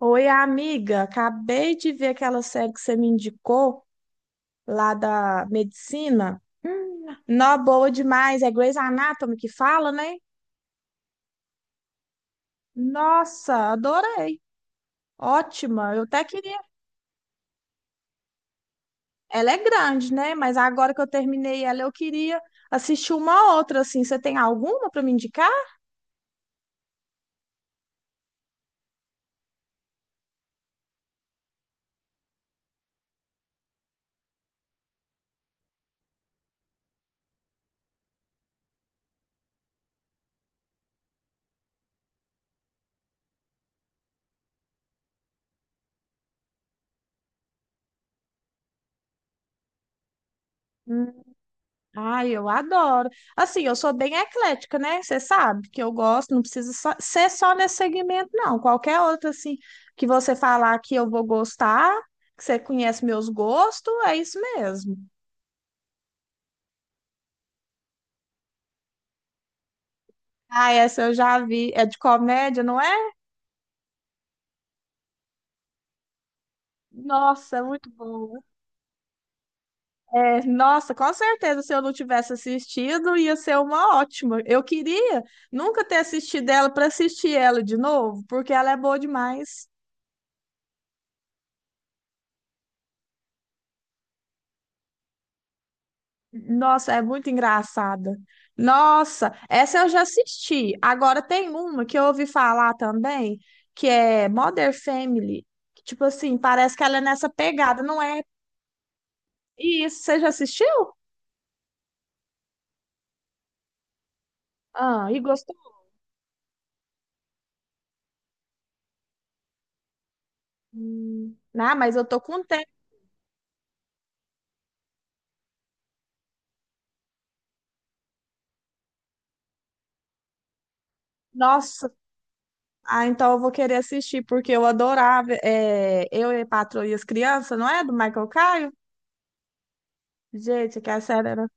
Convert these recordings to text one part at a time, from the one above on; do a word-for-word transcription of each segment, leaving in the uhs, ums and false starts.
Oi, amiga, acabei de ver aquela série que você me indicou lá da medicina. Hum, nó boa demais, é Grey's Anatomy que fala, né? Nossa, adorei. Ótima. Eu até queria. Ela é grande, né? Mas agora que eu terminei ela, eu queria assistir uma outra assim. Você tem alguma para me indicar? Ai, eu adoro. Assim, eu sou bem eclética, né? Você sabe que eu gosto, não precisa só- ser só nesse segmento, não. Qualquer outro, assim, que você falar que eu vou gostar, que você conhece meus gostos, é isso mesmo. Ah, essa eu já vi. É de comédia, não é? Nossa, é muito boa. É, nossa, com certeza, se eu não tivesse assistido, ia ser uma ótima. Eu queria nunca ter assistido ela para assistir ela de novo, porque ela é boa demais. Nossa, é muito engraçada. Nossa, essa eu já assisti. Agora tem uma que eu ouvi falar também, que é Mother Family. Que, tipo assim, parece que ela é nessa pegada, não é? E isso, você já assistiu? Ah, e gostou? Hum, Não, mas eu tô com tempo. Nossa, ah, então eu vou querer assistir, porque eu adorava. É, eu e a Patroa e as Crianças, não é? Do Michael Caio? Gente, que a série era.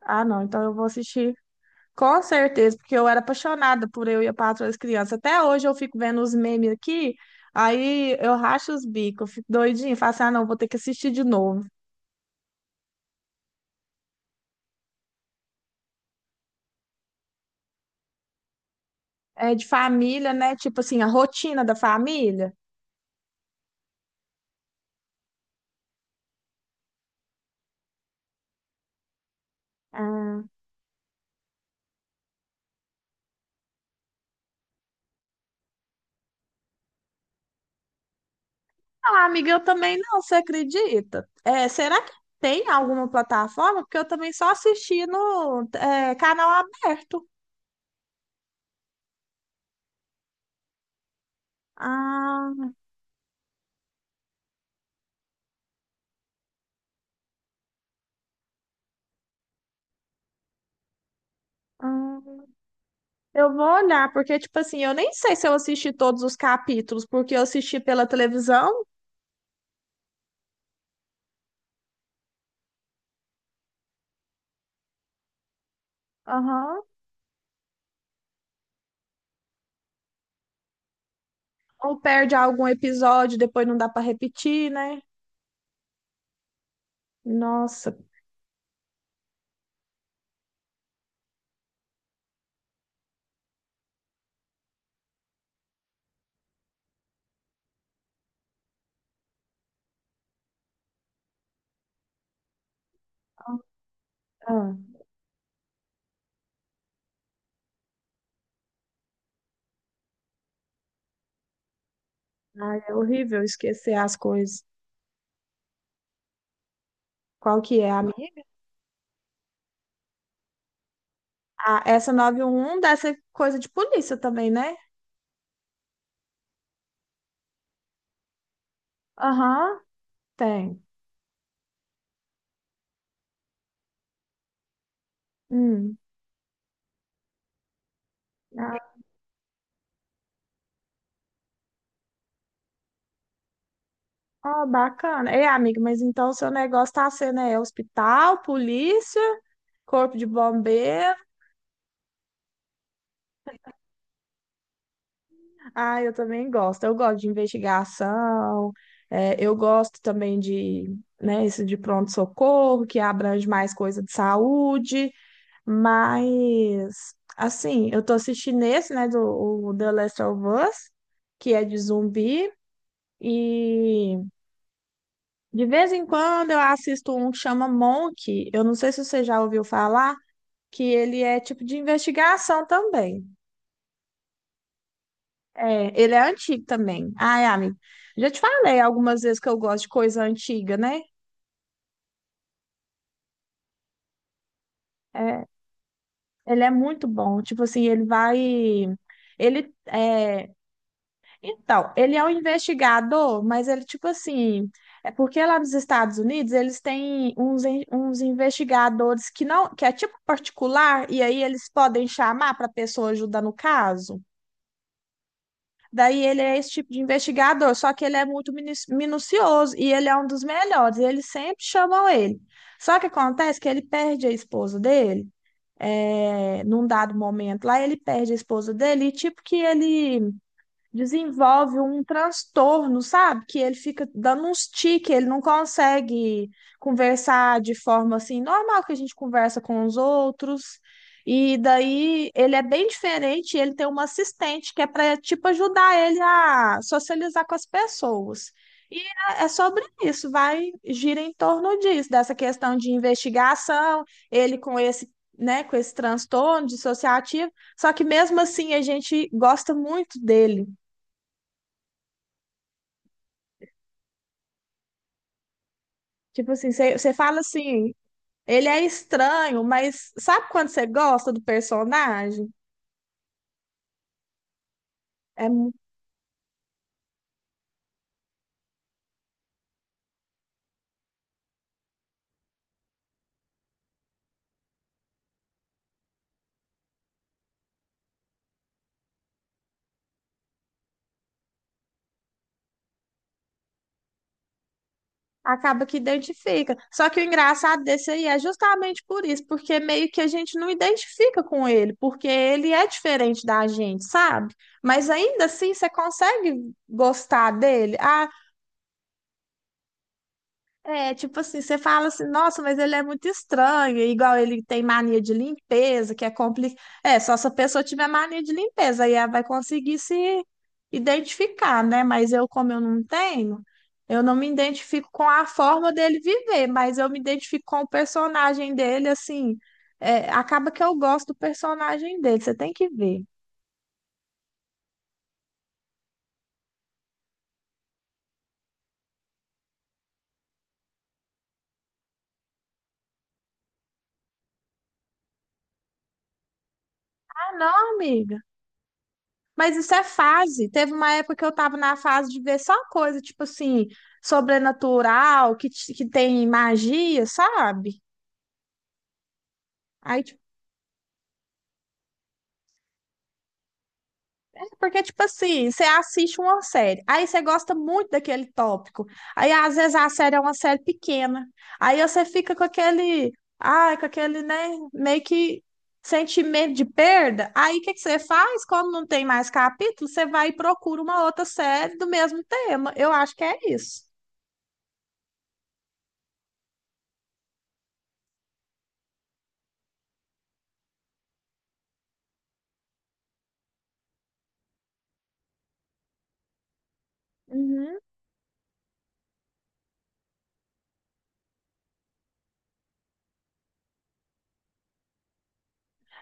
Ah, não, então eu vou assistir. Com certeza, porque eu era apaixonada por Eu e a Patroa das Crianças. Até hoje eu fico vendo os memes aqui, aí eu racho os bicos, eu fico doidinha, falo assim, ah, não, vou ter que assistir de novo. É de família, né? Tipo assim, a rotina da família. Ah, amiga, eu também não, você acredita? É, será que tem alguma plataforma? Porque eu também só assisti no é, canal aberto. Ah, hum, eu vou olhar, porque, tipo assim, eu nem sei se eu assisti todos os capítulos, porque eu assisti pela televisão. Aham. Ou perde algum episódio, depois não dá para repetir, né? Nossa, ah, ai, é horrível esquecer as coisas. Qual que é, amiga? Ah, essa nove um um deve ser coisa de polícia também, né? Aham, tem. Hum. Ah, ó, bacana. É amiga, mas então o seu negócio tá sendo é, hospital, polícia, corpo de bombeiro. Ah, eu também gosto. Eu gosto de investigação. Eh, eu gosto também de, né, isso de pronto-socorro, que abrange mais coisa de saúde. Mas, assim, eu tô assistindo esse, né, do o The Last of Us, que é de zumbi. E de vez em quando eu assisto um que chama Monk. Eu não sei se você já ouviu falar, que ele é tipo de investigação também. É, ele é antigo também. Ai, amigo, já te falei algumas vezes que eu gosto de coisa antiga, né? É, ele é muito bom. Tipo assim, ele vai. Ele é. Então, ele é um investigador, mas ele, tipo assim. É porque lá nos Estados Unidos eles têm uns, en- uns investigadores que não, que é tipo particular, e aí eles podem chamar para a pessoa ajudar no caso. Daí ele é esse tipo de investigador, só que ele é muito minu- minucioso e ele é um dos melhores, e eles sempre chamam ele. Só que acontece que ele perde a esposa dele, é, num dado momento lá, ele perde a esposa dele e tipo que ele desenvolve um transtorno, sabe? Que ele fica dando uns tiques, ele não consegue conversar de forma assim, normal que a gente conversa com os outros. E daí ele é bem diferente, ele tem uma assistente que é para tipo ajudar ele a socializar com as pessoas. E é é sobre isso, vai gira em torno disso, dessa questão de investigação, ele com esse, né, com esse transtorno dissociativo, só que mesmo assim a gente gosta muito dele. Tipo assim, você você fala assim, ele é estranho, mas sabe quando você gosta do personagem? É, mu- Acaba que identifica. Só que o engraçado desse aí é justamente por isso, porque meio que a gente não identifica com ele, porque ele é diferente da gente, sabe? Mas ainda assim você consegue gostar dele. Ah, é, tipo assim, você fala assim, nossa, mas ele é muito estranho, igual ele tem mania de limpeza, que é complicado. É, só se a pessoa tiver mania de limpeza, aí ela vai conseguir se identificar, né? Mas eu, como eu não tenho, eu não me identifico com a forma dele viver, mas eu me identifico com o personagem dele, assim, é, acaba que eu gosto do personagem dele, você tem que ver. Ah, não, amiga. Mas isso é fase. Teve uma época que eu tava na fase de ver só coisa, tipo assim, sobrenatural, que, te- que tem magia, sabe? Aí, tipo, porque, tipo assim, você assiste uma série, aí você gosta muito daquele tópico. Aí, às vezes, a série é uma série pequena. Aí você fica com aquele, ai, com aquele, né, meio que sentimento de perda. Aí, o que que você faz? Quando não tem mais capítulo, você vai e procura uma outra série do mesmo tema. Eu acho que é isso. Uhum.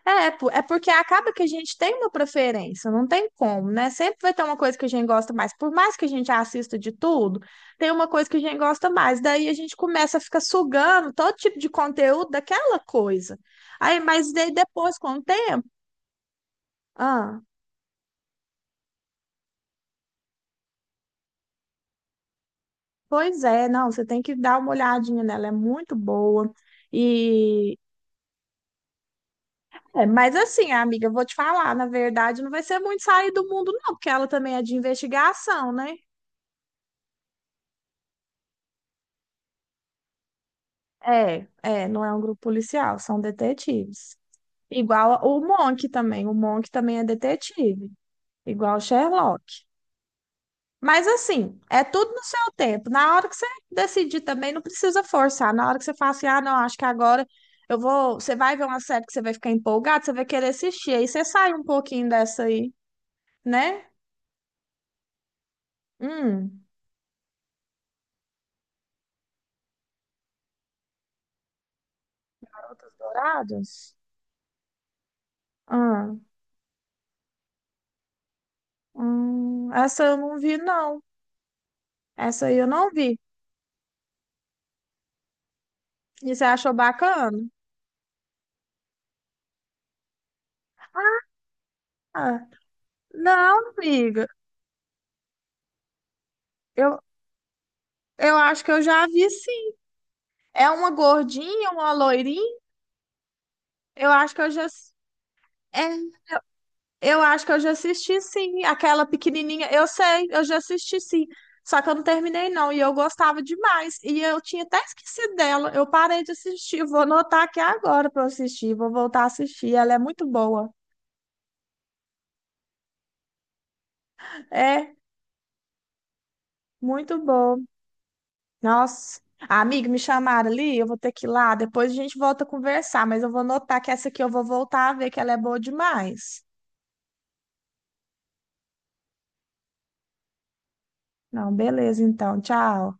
É, po- é porque acaba que a gente tem uma preferência, não tem como, né? Sempre vai ter uma coisa que a gente gosta mais. Por mais que a gente assista de tudo, tem uma coisa que a gente gosta mais. Daí a gente começa a ficar sugando todo tipo de conteúdo daquela coisa. Aí, mas daí depois, com o tempo, ah, pois é, não, você tem que dar uma olhadinha nela, é muito boa. E é, mas assim, amiga, eu vou te falar, na verdade, não vai ser muito sair do mundo, não, porque ela também é de investigação, né? É, é, não é um grupo policial, são detetives. Igual a- o Monk também, o Monk também é detetive, igual o Sherlock. Mas assim, é tudo no seu tempo. Na hora que você decidir também, não precisa forçar. Na hora que você fala assim, ah, não, acho que agora eu vou. Você vai ver uma série que você vai ficar empolgado, você vai querer assistir. Aí você sai um pouquinho dessa aí, né? Hum. Garotas Douradas? Ah, hum, essa eu não vi, não. Essa aí eu não vi. E você achou bacana? Ah. Não, amiga. Eu, eu acho que eu já vi sim. É uma gordinha, uma loirinha? Eu acho que eu já. É, eu acho que eu já assisti sim. Aquela pequenininha. Eu sei, eu já assisti sim. Só que eu não terminei não. E eu gostava demais. E eu tinha até esquecido dela. Eu parei de assistir. Vou anotar aqui agora pra eu assistir. Vou voltar a assistir. Ela é muito boa. É, muito boa. Nossa. Ah, amiga, me chamaram ali, eu vou ter que ir lá. Depois a gente volta a conversar, mas eu vou notar que essa aqui eu vou voltar a ver que ela é boa demais. Não, beleza, então. Tchau.